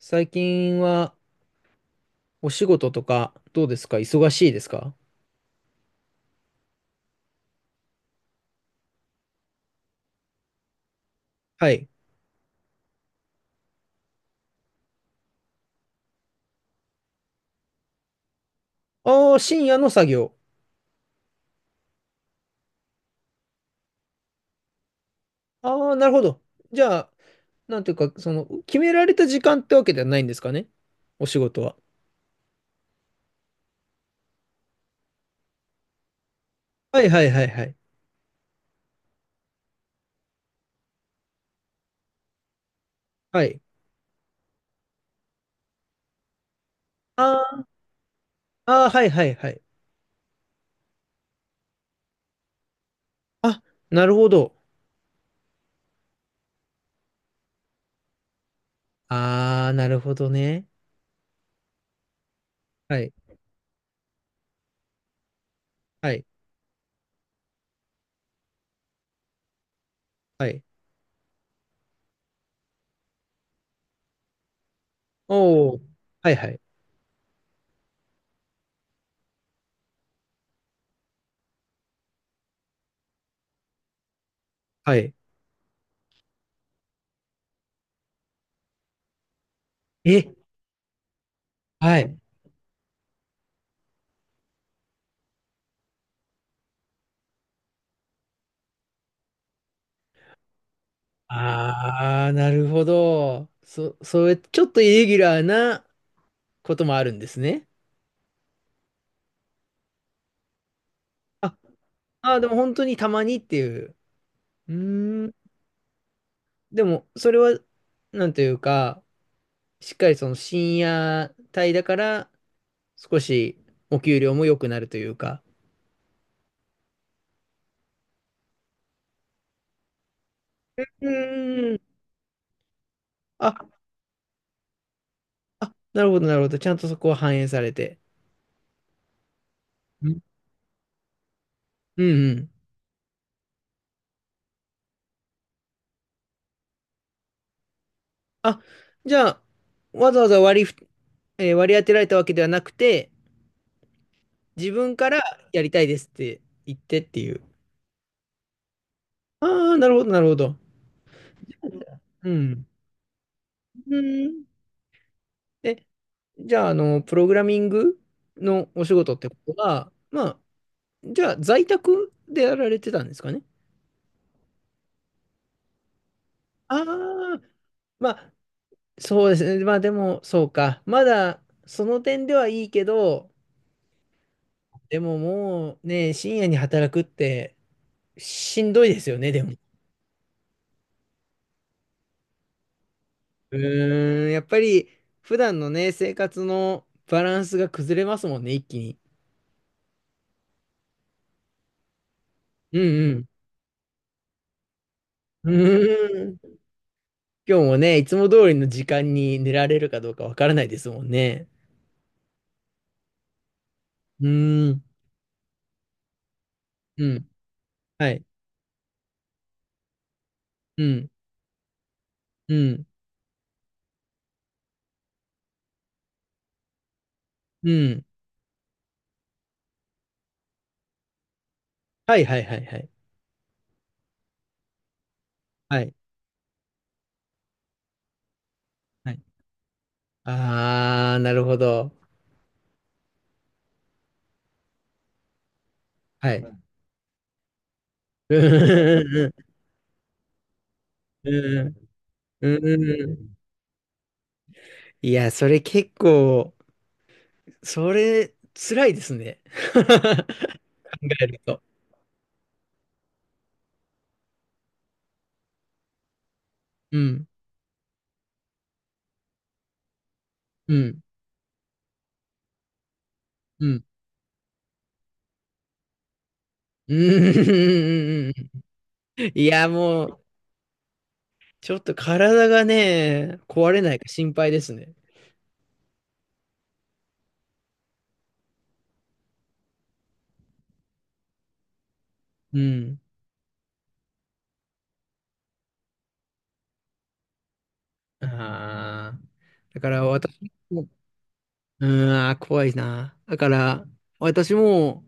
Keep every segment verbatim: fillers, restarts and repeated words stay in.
最近はお仕事とかどうですか？忙しいですか？はい。ああ、深夜の作業。ああ、なるほど。じゃあ、なんていうか、その、決められた時間ってわけではないんですかね、お仕事は。はいはいはいはい。はい。あーあー、はいはいはい。あ、なるほど。ああ、なるほどね。はい。はい。はい。おお。はいはい。はい。え、はい。ああ、なるほど。そ、それ、ちょっとイレギュラーなこともあるんですね。あ、あー、でも本当にたまにっていう。うーん。でも、それは、なんというか、しっかりその深夜帯だから、少しお給料も良くなるというか。うーん。あ、あ、なるほど、なるほど。ちゃんとそこは反映されて。うんうんうん。あ、じゃあ、わざわざ割りふ、えー割り当てられたわけではなくて、自分からやりたいですって言ってっていう。ああ、なるほど、なるほど。うん。うん。え、じゃあ、あの、プログラミングのお仕事ってことは、まあ、じゃあ、在宅でやられてたんですかね？ああ、まあ、そうですね。まあ、でも、そうか。まだ、その点ではいいけど、でももうね、深夜に働くってしんどいですよね、でも。うーん、やっぱり、普段のね、生活のバランスが崩れますもんね、一気に。うんうん。うーん。今日もね、いつも通りの時間に寝られるかどうかわからないですもんね。うーん、うん、はい、うん、うん、うん。はいはいはいはい。はい、はい。あー、なるほど。はい。うん、うん、うん、うん。いや、それ結構、それ、辛いですね。考えると。うん、うん、うん。うん、うん、いや、もう、ちょっと体がね、壊れないか心配ですね。うん。ああ。だから私も、うーん、あー怖いな。だから、私も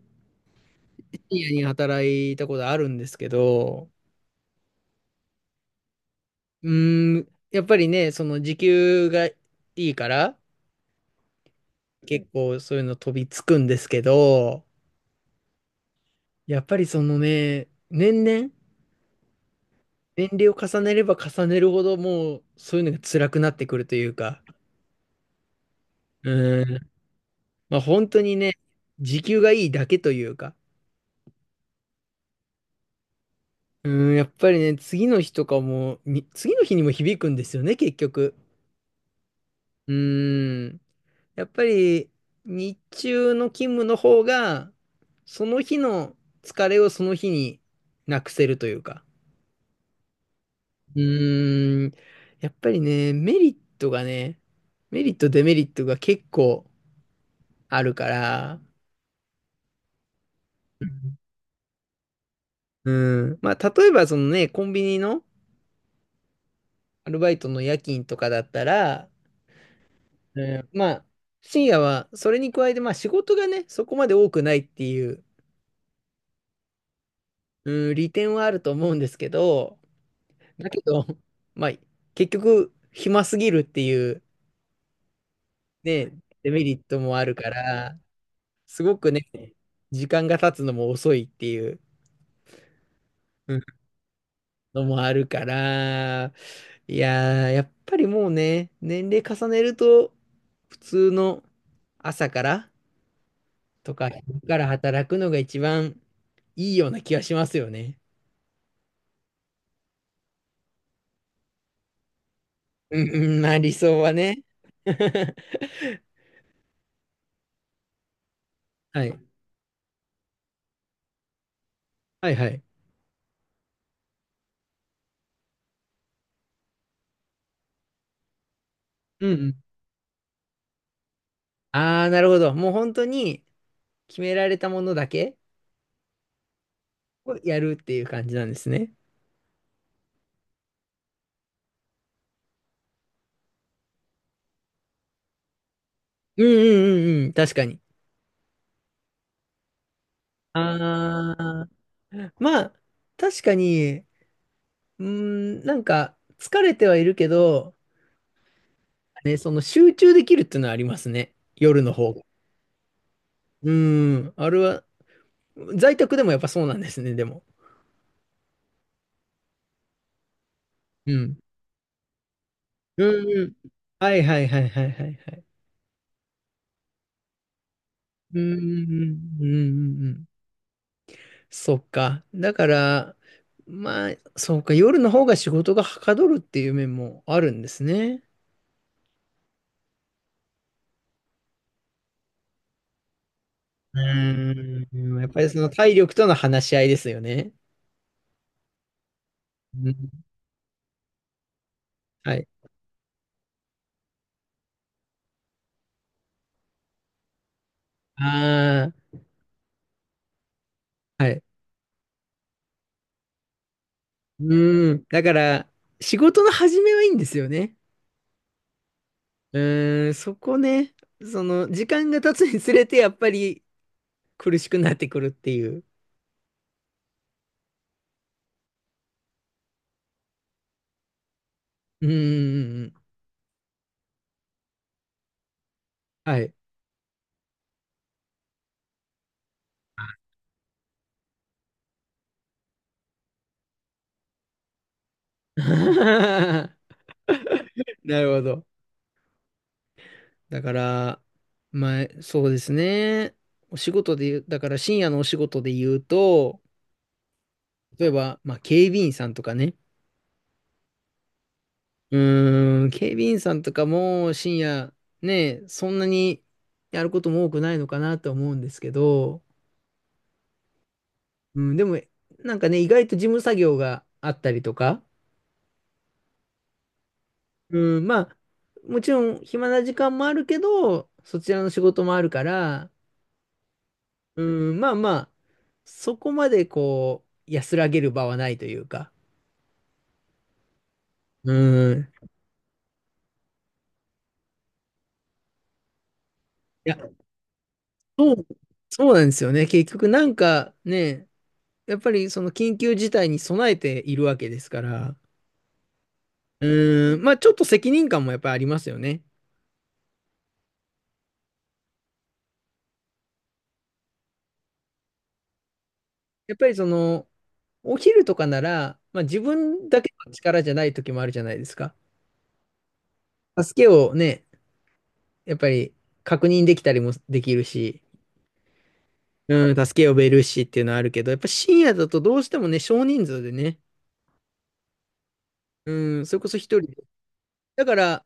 深夜に働いたことあるんですけど、うーん、やっぱりね、その時給がいいから、結構そういうの飛びつくんですけど、やっぱりそのね、年々、年齢を重ねれば重ねるほど、もうそういうのが辛くなってくるというか、うーん、まあ本当にね、時給がいいだけというか、うーん、やっぱりね、次の日とかも、に、次の日にも響くんですよね、結局。うーん。やっぱり、日中の勤務の方が、その日の疲れをその日になくせるというか。うーん。やっぱりね、メリットがね、メリット、デメリットが結構あるから、うん。まあ、例えばそのね、コンビニのアルバイトの夜勤とかだったら、えーまあ、深夜は、それに加えて、まあ仕事がね、そこまで多くないっていう、うん、利点はあると思うんですけど、だけど、まあ、結局、暇すぎるっていう、ね、デメリットもあるから、すごくね、時間が経つのも遅いっていううんのもあるから、いやー、やっぱりもうね、年齢重ねると、普通の朝から、とか、昼から働くのが一番いいような気がしますよね。うんうん、まあ理想はね。はい。はいはい。うんうん。ああ、なるほど。もう本当に決められたものだけをやるっていう感じなんですね。うんうんうんうん、確かに。ああ、まあ、確かに、うーん、なんか疲れてはいるけど、ね、その集中できるっていうのはありますね。夜の方が。うーん、あれは、在宅でもやっぱそうなんですね、でも。うん。うんうんはいはいはいはいはいはい。うんうんうんうんうん。そっか。だから、まあ、そうか。夜の方が仕事がはかどるっていう面もあるんですね。うーん。やっぱりその体力との話し合いですよね。うん。はい。ああ、はい。うーん。だから、仕事の始めはいいんですよね。うーん。そこね。その、時間が経つにつれて、やっぱり苦しくなってくるっていう。うんうんはい。なるほど。だから、まあ、そうですね。お仕事で言う、だから深夜のお仕事で言うと、例えば、まあ、警備員さんとかね。うーん、警備員さんとかも深夜、ね、そんなにやることも多くないのかなと思うんですけど、うん、でも、なんかね、意外と事務作業があったりとか、うん、まあ、もちろん暇な時間もあるけど、そちらの仕事もあるから、うん、まあまあ、そこまでこう、安らげる場はないというか。うん。いや、そう、そうなんですよね。結局なんかね、やっぱりその緊急事態に備えているわけですから、うん、まあちょっと責任感もやっぱりありますよね。やっぱりその、お昼とかなら、まあ自分だけの力じゃない時もあるじゃないですか。助けをね、やっぱり確認できたりもできるし、うん、助け呼べるしっていうのはあるけど、やっぱ深夜だとどうしてもね、少人数でね、うん、それこそ一人で。だから、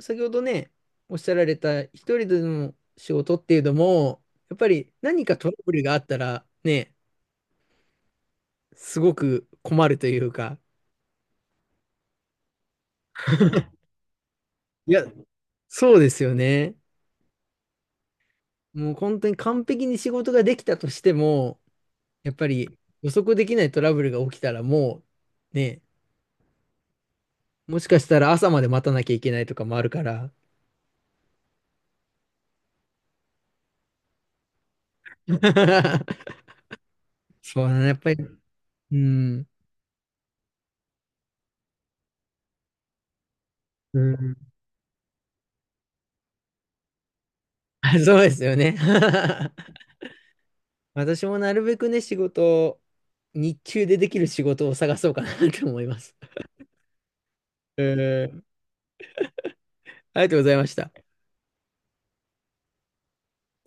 先ほどね、おっしゃられた一人での仕事っていうのも、やっぱり何かトラブルがあったらね、すごく困るというか、いや、そうですよね。もう本当に完璧に仕事ができたとしても、やっぱり予測できないトラブルが起きたらもう、ね、もしかしたら朝まで待たなきゃいけないとかもあるから。そうだね。やっぱりうん。うん。あそうですよね。私もなるべくね、仕事を、日中でできる仕事を探そうかなと思います。えー、ありがとうございました。